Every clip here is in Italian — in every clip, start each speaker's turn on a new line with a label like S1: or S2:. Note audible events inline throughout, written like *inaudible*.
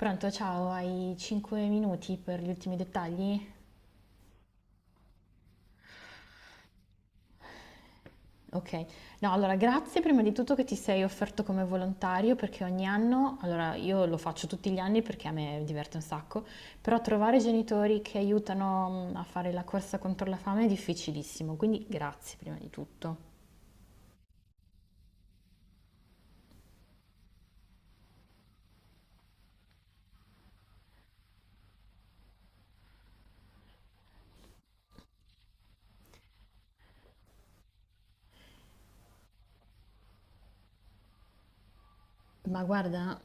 S1: Pronto, ciao, hai 5 minuti per gli ultimi dettagli? Ok, no, allora grazie prima di tutto che ti sei offerto come volontario perché ogni anno, allora io lo faccio tutti gli anni perché a me diverte un sacco, però trovare genitori che aiutano a fare la corsa contro la fame è difficilissimo, quindi grazie prima di tutto. Ma guarda,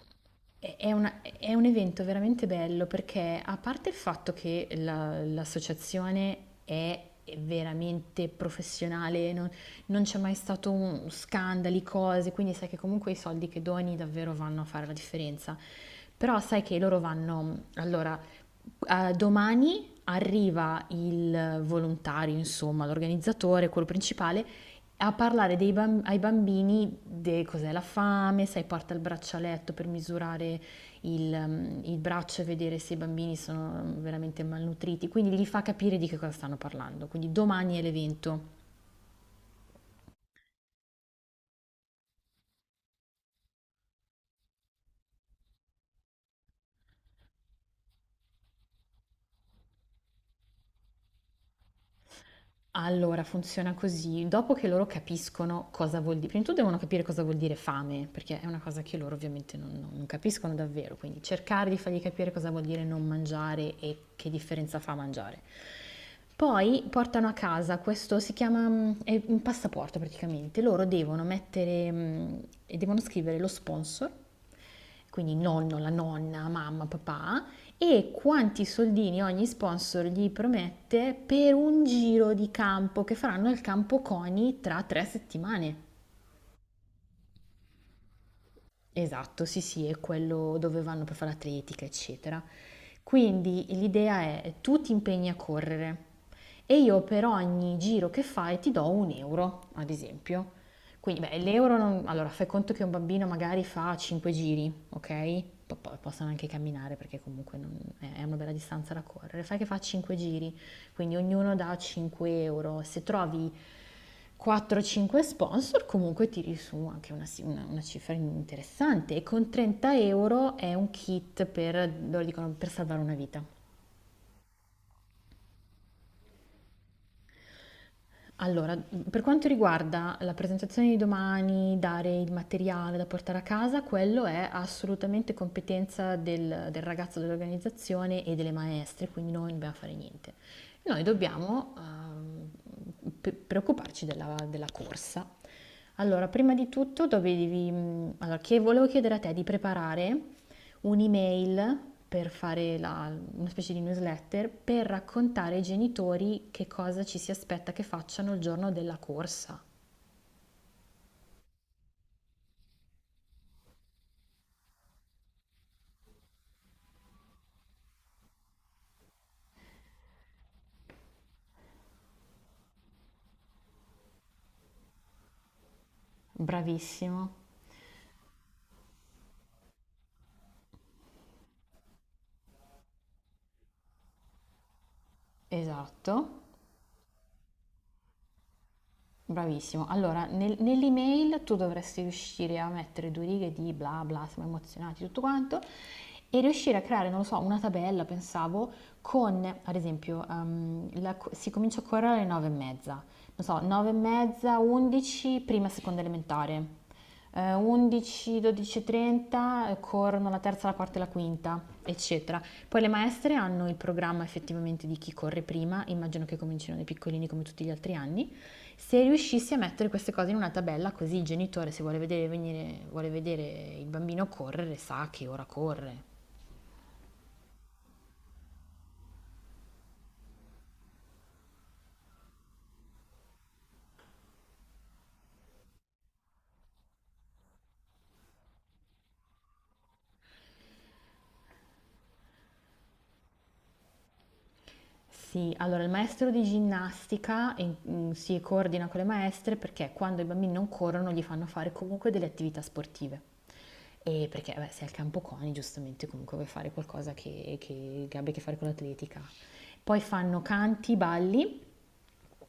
S1: è un evento veramente bello perché a parte il fatto che l'associazione è veramente professionale, non c'è mai stato scandali, cose, quindi sai che comunque i soldi che doni davvero vanno a fare la differenza. Però sai che loro vanno, allora, domani arriva il volontario, insomma, l'organizzatore, quello principale, a parlare ai bambini di cos'è la fame, sai, porta il braccialetto per misurare il braccio e vedere se i bambini sono veramente malnutriti, quindi gli fa capire di che cosa stanno parlando. Quindi domani è l'evento. Allora, funziona così: dopo che loro capiscono cosa vuol di prima di tutto devono capire cosa vuol dire fame, perché è una cosa che loro ovviamente non capiscono davvero, quindi cercare di fargli capire cosa vuol dire non mangiare e che differenza fa mangiare. Poi portano a casa questo si chiama, è un passaporto praticamente. Loro devono mettere, e devono scrivere lo sponsor, quindi nonno, la nonna, mamma, papà, e quanti soldini ogni sponsor gli promette per un giro di campo che faranno al campo CONI tra 3 settimane. Esatto, sì, sì, è quello dove vanno per fare atletica, eccetera. Quindi l'idea è tu ti impegni a correre e io per ogni giro che fai ti do 1 euro, ad esempio. Quindi, beh, l'euro, allora fai conto che un bambino magari fa 5 giri, ok? Poi possono anche camminare perché comunque è una bella distanza da correre. Fai che fa 5 giri. Quindi ognuno dà 5 euro. Se trovi 4-5 sponsor comunque tiri su anche una cifra interessante e con 30 euro è un kit per, loro dicono, per salvare una vita. Allora, per quanto riguarda la presentazione di domani, dare il materiale da portare a casa, quello è assolutamente competenza del ragazzo dell'organizzazione e delle maestre, quindi noi non dobbiamo fare niente. Noi dobbiamo preoccuparci della corsa. Allora, prima di tutto dovevi, allora, che volevo chiedere a te di preparare un'email per fare una specie di newsletter per raccontare ai genitori che cosa ci si aspetta che facciano il giorno della corsa. Bravissimo, esatto. Bravissimo. Allora, nell'email tu dovresti riuscire a mettere due righe di bla bla, siamo emozionati, tutto quanto, e riuscire a creare, non lo so, una tabella, pensavo, con, ad esempio, si comincia a correre alle 9 e mezza, non so, 9 e mezza, 11, prima e seconda elementare 11, 12.30 corrono la terza, la quarta e la quinta, eccetera. Poi le maestre hanno il programma effettivamente di chi corre prima, immagino che comincino dai piccolini come tutti gli altri anni. Se riuscissi a mettere queste cose in una tabella, così il genitore se vuole vedere, vuole vedere il bambino correre sa che ora corre. Sì, allora il maestro di ginnastica si coordina con le maestre perché quando i bambini non corrono gli fanno fare comunque delle attività sportive. E perché beh, sei al campo CONI, giustamente comunque vuoi fare qualcosa che abbia a che fare con l'atletica. Poi fanno canti, balli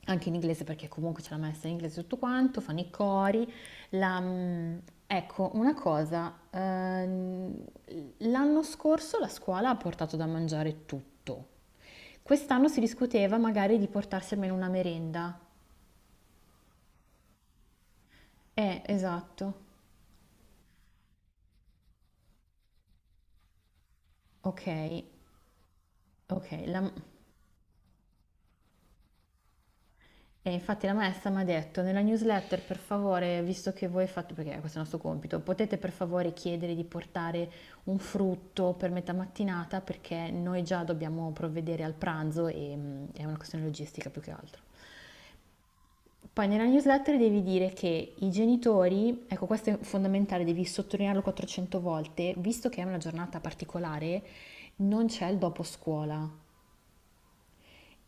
S1: anche in inglese perché comunque ce l'ha messa in inglese tutto quanto, fanno i cori. La, mm, ecco, una cosa, l'anno scorso la scuola ha portato da mangiare tutto. Quest'anno si discuteva magari di portarsi almeno una merenda. Esatto. Ok, ok. E infatti la maestra mi ha detto nella newsletter, per favore, visto che voi fate, perché questo è il nostro compito, potete per favore chiedere di portare un frutto per metà mattinata perché noi già dobbiamo provvedere al pranzo e è una questione logistica più che altro. Poi nella newsletter devi dire che i genitori, ecco questo è fondamentale, devi sottolinearlo 400 volte, visto che è una giornata particolare, non c'è il dopo scuola.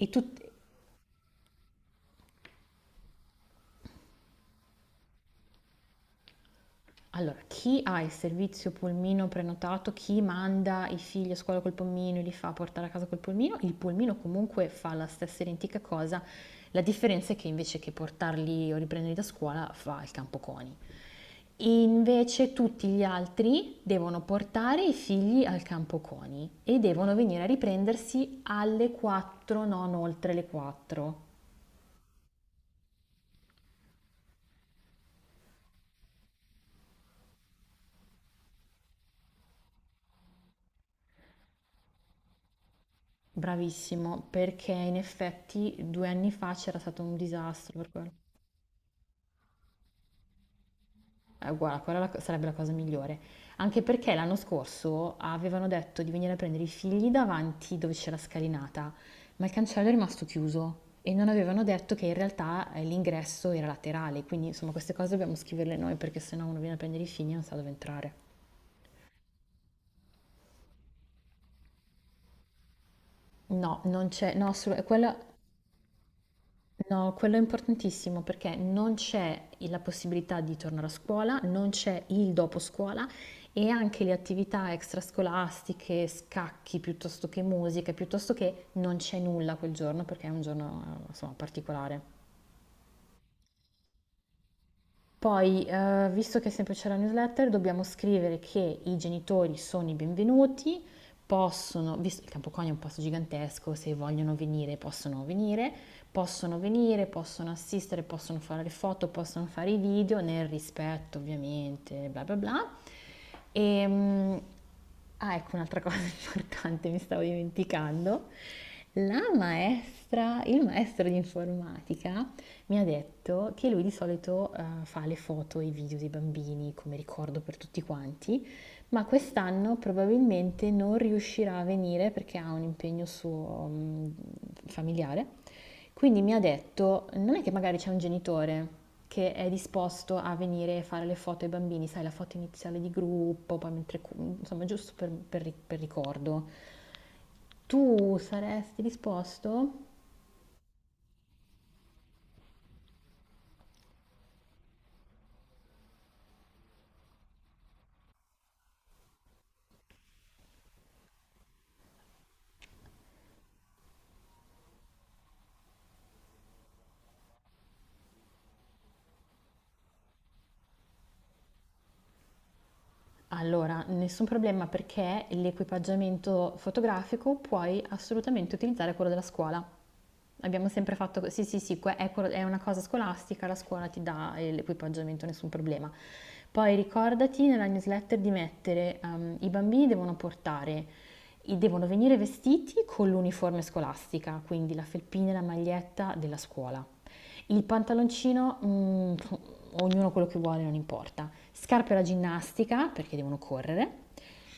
S1: E, tut- Allora, chi ha il servizio pulmino prenotato, chi manda i figli a scuola col pulmino e li fa portare a casa col pulmino, il pulmino comunque fa la stessa identica cosa, la differenza è che invece che portarli o riprenderli da scuola fa il campo coni. Invece tutti gli altri devono portare i figli al campo coni e devono venire a riprendersi alle 4, non oltre le 4. Bravissimo, perché in effetti 2 anni fa c'era stato un disastro per quello. Guarda, sarebbe la cosa migliore. Anche perché l'anno scorso avevano detto di venire a prendere i figli davanti dove c'è la scalinata, ma il cancello è rimasto chiuso e non avevano detto che in realtà l'ingresso era laterale, quindi insomma queste cose dobbiamo scriverle noi perché sennò uno viene a prendere i figli e non sa dove entrare. No, non c'è, no, assolut- quella No, quello è importantissimo perché non c'è la possibilità di tornare a scuola, non c'è il dopo scuola e anche le attività extrascolastiche, scacchi piuttosto che musica, piuttosto che non c'è nulla quel giorno perché è un giorno, insomma, particolare. Poi, visto che è sempre c'è la newsletter, dobbiamo scrivere che i genitori sono i benvenuti, possono, visto il Campocognio è un posto gigantesco, se vogliono venire possono venire, possono venire, possono assistere, possono fare le foto, possono fare i video, nel rispetto ovviamente, bla bla bla. E, mm, ah, ecco un'altra *laughs* cosa importante, mi stavo dimenticando. La maestra, il maestro di informatica mi ha detto che lui di solito fa le foto e i video dei bambini come ricordo per tutti quanti, ma quest'anno probabilmente non riuscirà a venire perché ha un impegno suo familiare. Quindi mi ha detto, non è che magari c'è un genitore che è disposto a venire e fare le foto ai bambini, sai, la foto iniziale di gruppo, poi mentre, insomma, giusto per, per ricordo. Tu saresti disposto? Allora, nessun problema perché l'equipaggiamento fotografico puoi assolutamente utilizzare quello della scuola. Abbiamo sempre fatto, sì, sì, sì, è una cosa scolastica, la scuola ti dà l'equipaggiamento, nessun problema. Poi ricordati nella newsletter di mettere, i bambini devono portare, devono venire vestiti con l'uniforme scolastica, quindi la felpina e la maglietta della scuola. Il pantaloncino, ognuno quello che vuole, non importa. Scarpe da ginnastica, perché devono correre.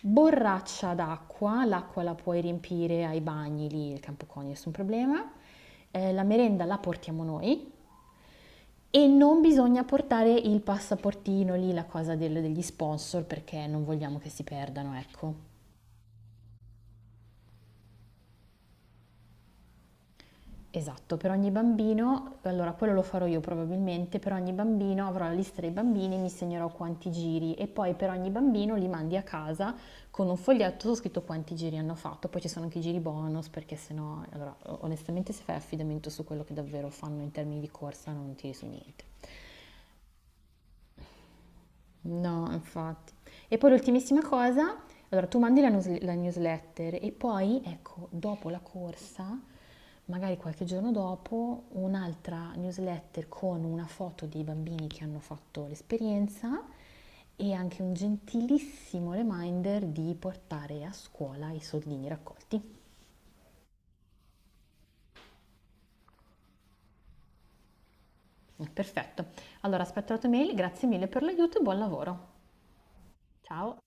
S1: Borraccia d'acqua, l'acqua la puoi riempire ai bagni lì, il campo coni, nessun problema. La merenda la portiamo noi e non bisogna portare il passaportino lì, la cosa degli sponsor, perché non vogliamo che si perdano, ecco. Esatto, per ogni bambino, allora quello lo farò io probabilmente, per ogni bambino avrò la lista dei bambini, mi segnerò quanti giri e poi per ogni bambino li mandi a casa con un foglietto scritto quanti giri hanno fatto, poi ci sono anche i giri bonus perché sennò, allora onestamente se fai affidamento su quello che davvero fanno in termini di corsa non tiri su niente. No, infatti. E poi l'ultimissima cosa, allora tu mandi la newsletter e poi, ecco, dopo la corsa, magari qualche giorno dopo, un'altra newsletter con una foto dei bambini che hanno fatto l'esperienza e anche un gentilissimo reminder di portare a scuola i soldini raccolti. Perfetto. Allora aspetto la tua mail, grazie mille per l'aiuto e buon lavoro. Ciao.